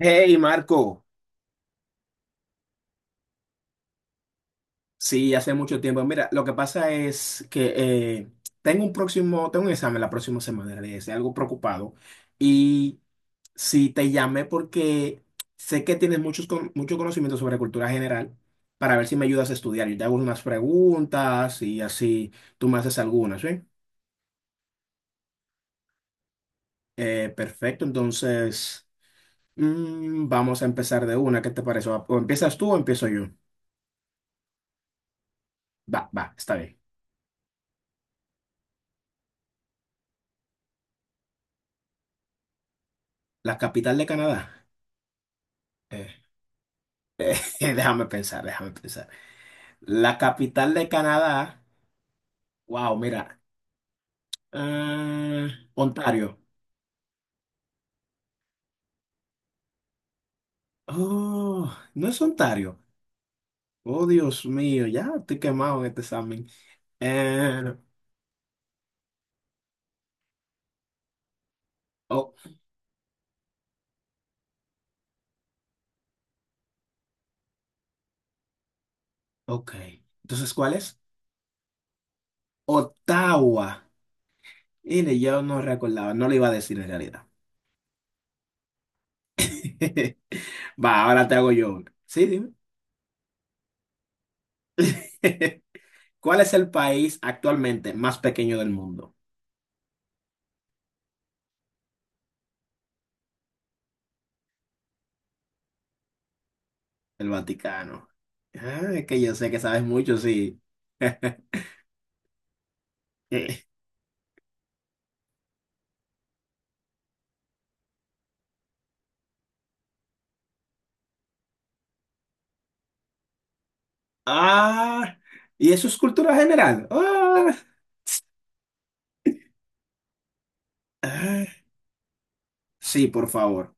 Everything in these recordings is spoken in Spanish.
Hey Marco, sí, hace mucho tiempo. Mira, lo que pasa es que tengo un examen la próxima semana, de ese, algo preocupado. Y sí, te llamé porque sé que tienes mucho conocimiento sobre cultura general para ver si me ayudas a estudiar. Yo te hago unas preguntas y así tú me haces algunas, ¿sí? Perfecto, entonces vamos a empezar de una. ¿Qué te parece? ¿O empiezas tú o empiezo yo? Va, va, está bien. La capital de Canadá. Eh, Déjame pensar, déjame pensar. La capital de Canadá. Wow, mira. ah, Ontario. Oh, no es Ontario. Oh, Dios mío, ya estoy quemado en este examen. Eh, oh, ok. Entonces, ¿cuál es? Ottawa. Mire, yo no recordaba, no le iba a decir en realidad. Va, ahora te hago yo una. Sí, dime. ¿Cuál es el país actualmente más pequeño del mundo? El Vaticano. Ah, es que yo sé que sabes mucho, sí. Eh, Ah, y eso es cultura general. Ah, ah. Sí, por favor.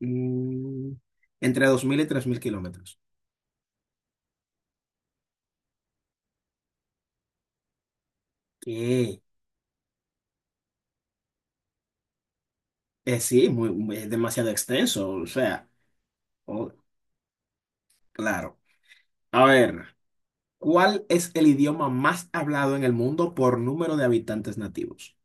Mm, entre 2.000 y 3.000 kilómetros. ¿Qué? Sí, es demasiado extenso, o sea, oh, claro. A ver, ¿cuál es el idioma más hablado en el mundo por número de habitantes nativos?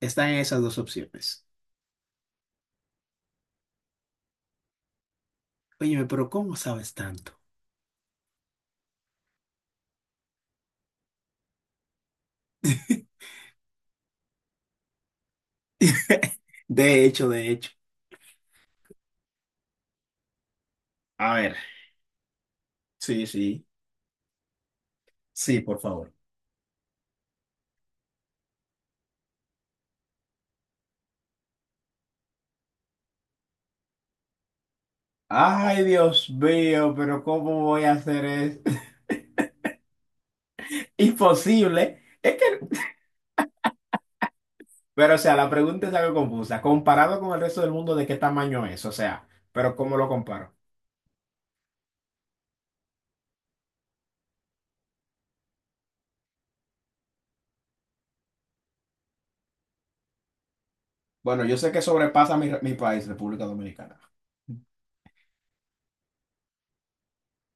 Están esas dos opciones. Óyeme, pero ¿cómo sabes tanto? De hecho, de hecho. A ver, sí, sí, sí, por favor. Ay, Dios mío, pero ¿cómo voy a hacer eso? Imposible. Es que, pero, o sea, la pregunta es algo confusa. Comparado con el resto del mundo, ¿de qué tamaño es? O sea, pero ¿cómo lo comparo? Bueno, yo sé que sobrepasa mi país, República Dominicana.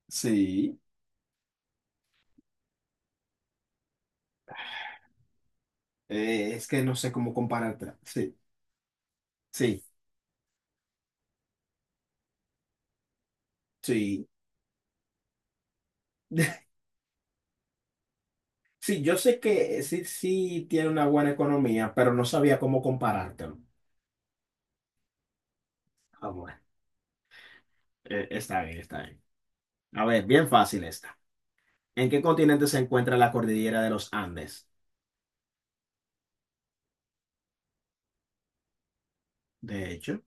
Sí, es que no sé cómo comparártela. Sí, sí, sí. Sí, yo sé que sí, sí tiene una buena economía, pero no sabía cómo comparártelo. Ah, bueno. Está bien, está bien. A ver, bien fácil esta. ¿En qué continente se encuentra la cordillera de los Andes? De hecho,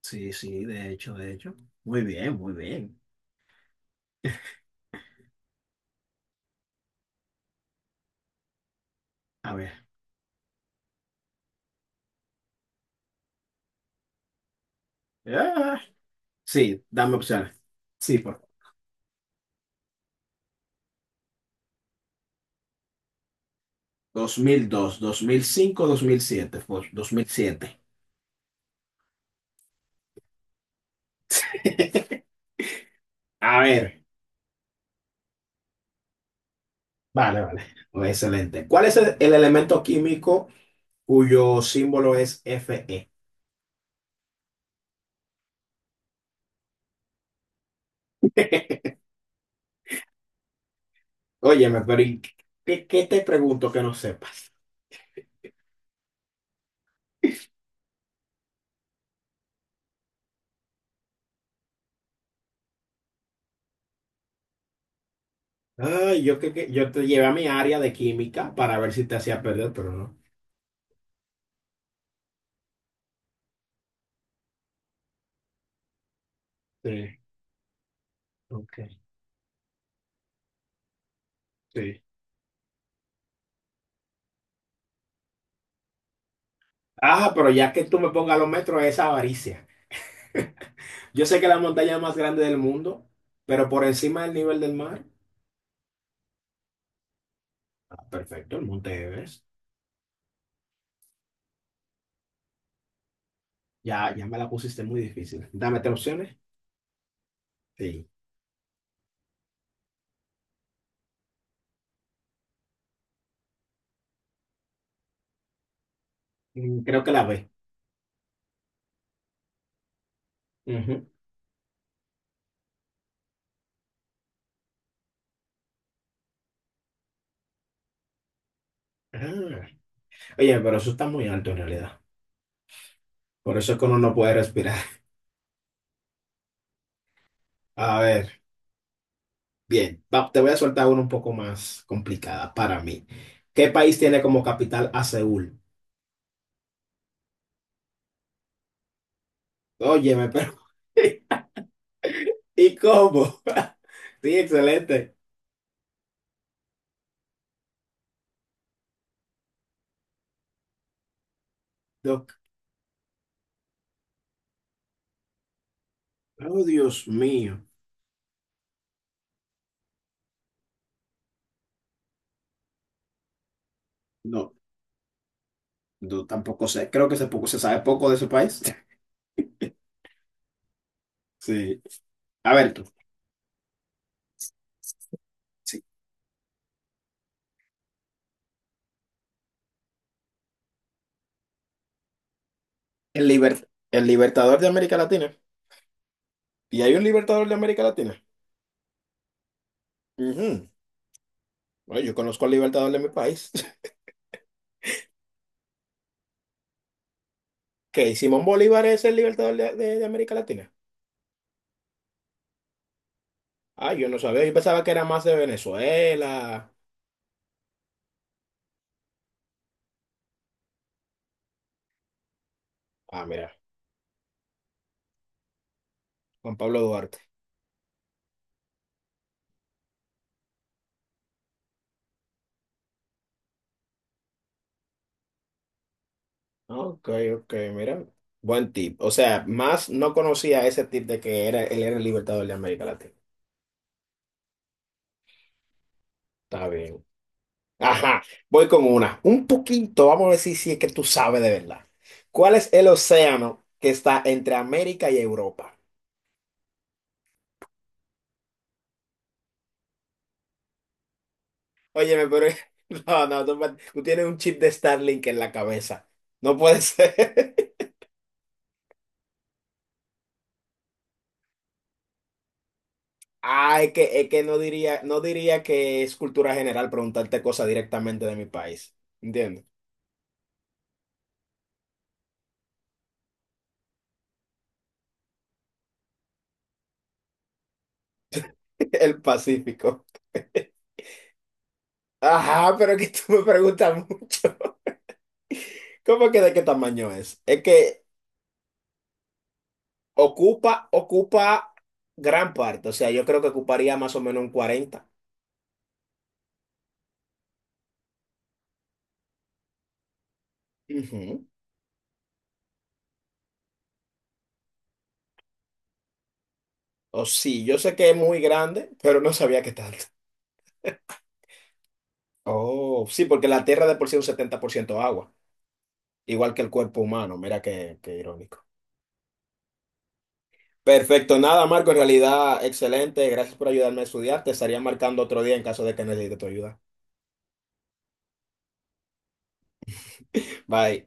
sí, sí, de hecho, de hecho. Muy bien, muy bien. A ver. Ah, sí, dame opciones. Sí, por favor. 2002, 2005, 2007, por 2007. A ver. Vale, vale. Muy excelente. ¿Cuál es el elemento químico cuyo símbolo es Fe? Óyeme, pero ¿qué te pregunto que no sepas? Ay, yo creo que yo te llevé a mi área de química para ver si te hacía perder, pero no. Sí, ok, sí. Ah, pero ya que tú me pongas los metros, esa avaricia. Yo sé que la montaña más grande del mundo, pero por encima del nivel del mar. Ah, perfecto, el Monte Everest. Ya, ya me la pusiste muy difícil. Dame tres opciones. Sí. Mm, creo que la B. Ujú. Ah. Oye, pero eso está muy alto en realidad. Por eso es que uno no puede respirar. A ver. Bien, te voy a soltar una un poco más complicada para mí. ¿Qué país tiene como capital a Seúl? Óyeme, pero ¿y cómo? Sí, excelente. No, oh, Dios mío. No, no, tampoco sé. Creo que se sabe poco de ese país. Sí. A ver tú. Sí. El libertador de América Latina. ¿Y hay un libertador de América Latina? Ujú. Bueno, yo conozco al libertador de mi país. Que ¿Simón Bolívar es el libertador de, de América Latina? Ah, yo no sabía, yo pensaba que era más de Venezuela. Ah, mira, Juan Pablo Duarte. Ok, ok, mira. Buen tip. O sea, más no conocía ese tip de que era, él era el libertador de América Latina. Está bien. Ajá, voy con una. Un poquito, vamos a ver si es que tú sabes de verdad. ¿Cuál es el océano que está entre América y Europa? Óyeme, pero... No, no, tú tienes un chip de Starlink en la cabeza. No puede ser. Ah, es que no diría que es cultura general preguntarte cosas directamente de mi país. ¿Entiendes? El Pacífico. Ajá, pero que tú me preguntas mucho. ¿Cómo que de qué tamaño es? Es que ocupa gran parte. O sea, yo creo que ocuparía más o menos un 40. Ujú. O sí, yo sé que es muy grande, pero no sabía qué tanto. Oh, sí, porque la Tierra de por sí es un 70% agua, igual que el cuerpo humano. Mira qué, irónico. Perfecto, nada, Marco, en realidad excelente. Gracias por ayudarme a estudiar. Te estaría marcando otro día en caso de que necesite tu ayuda. Bye.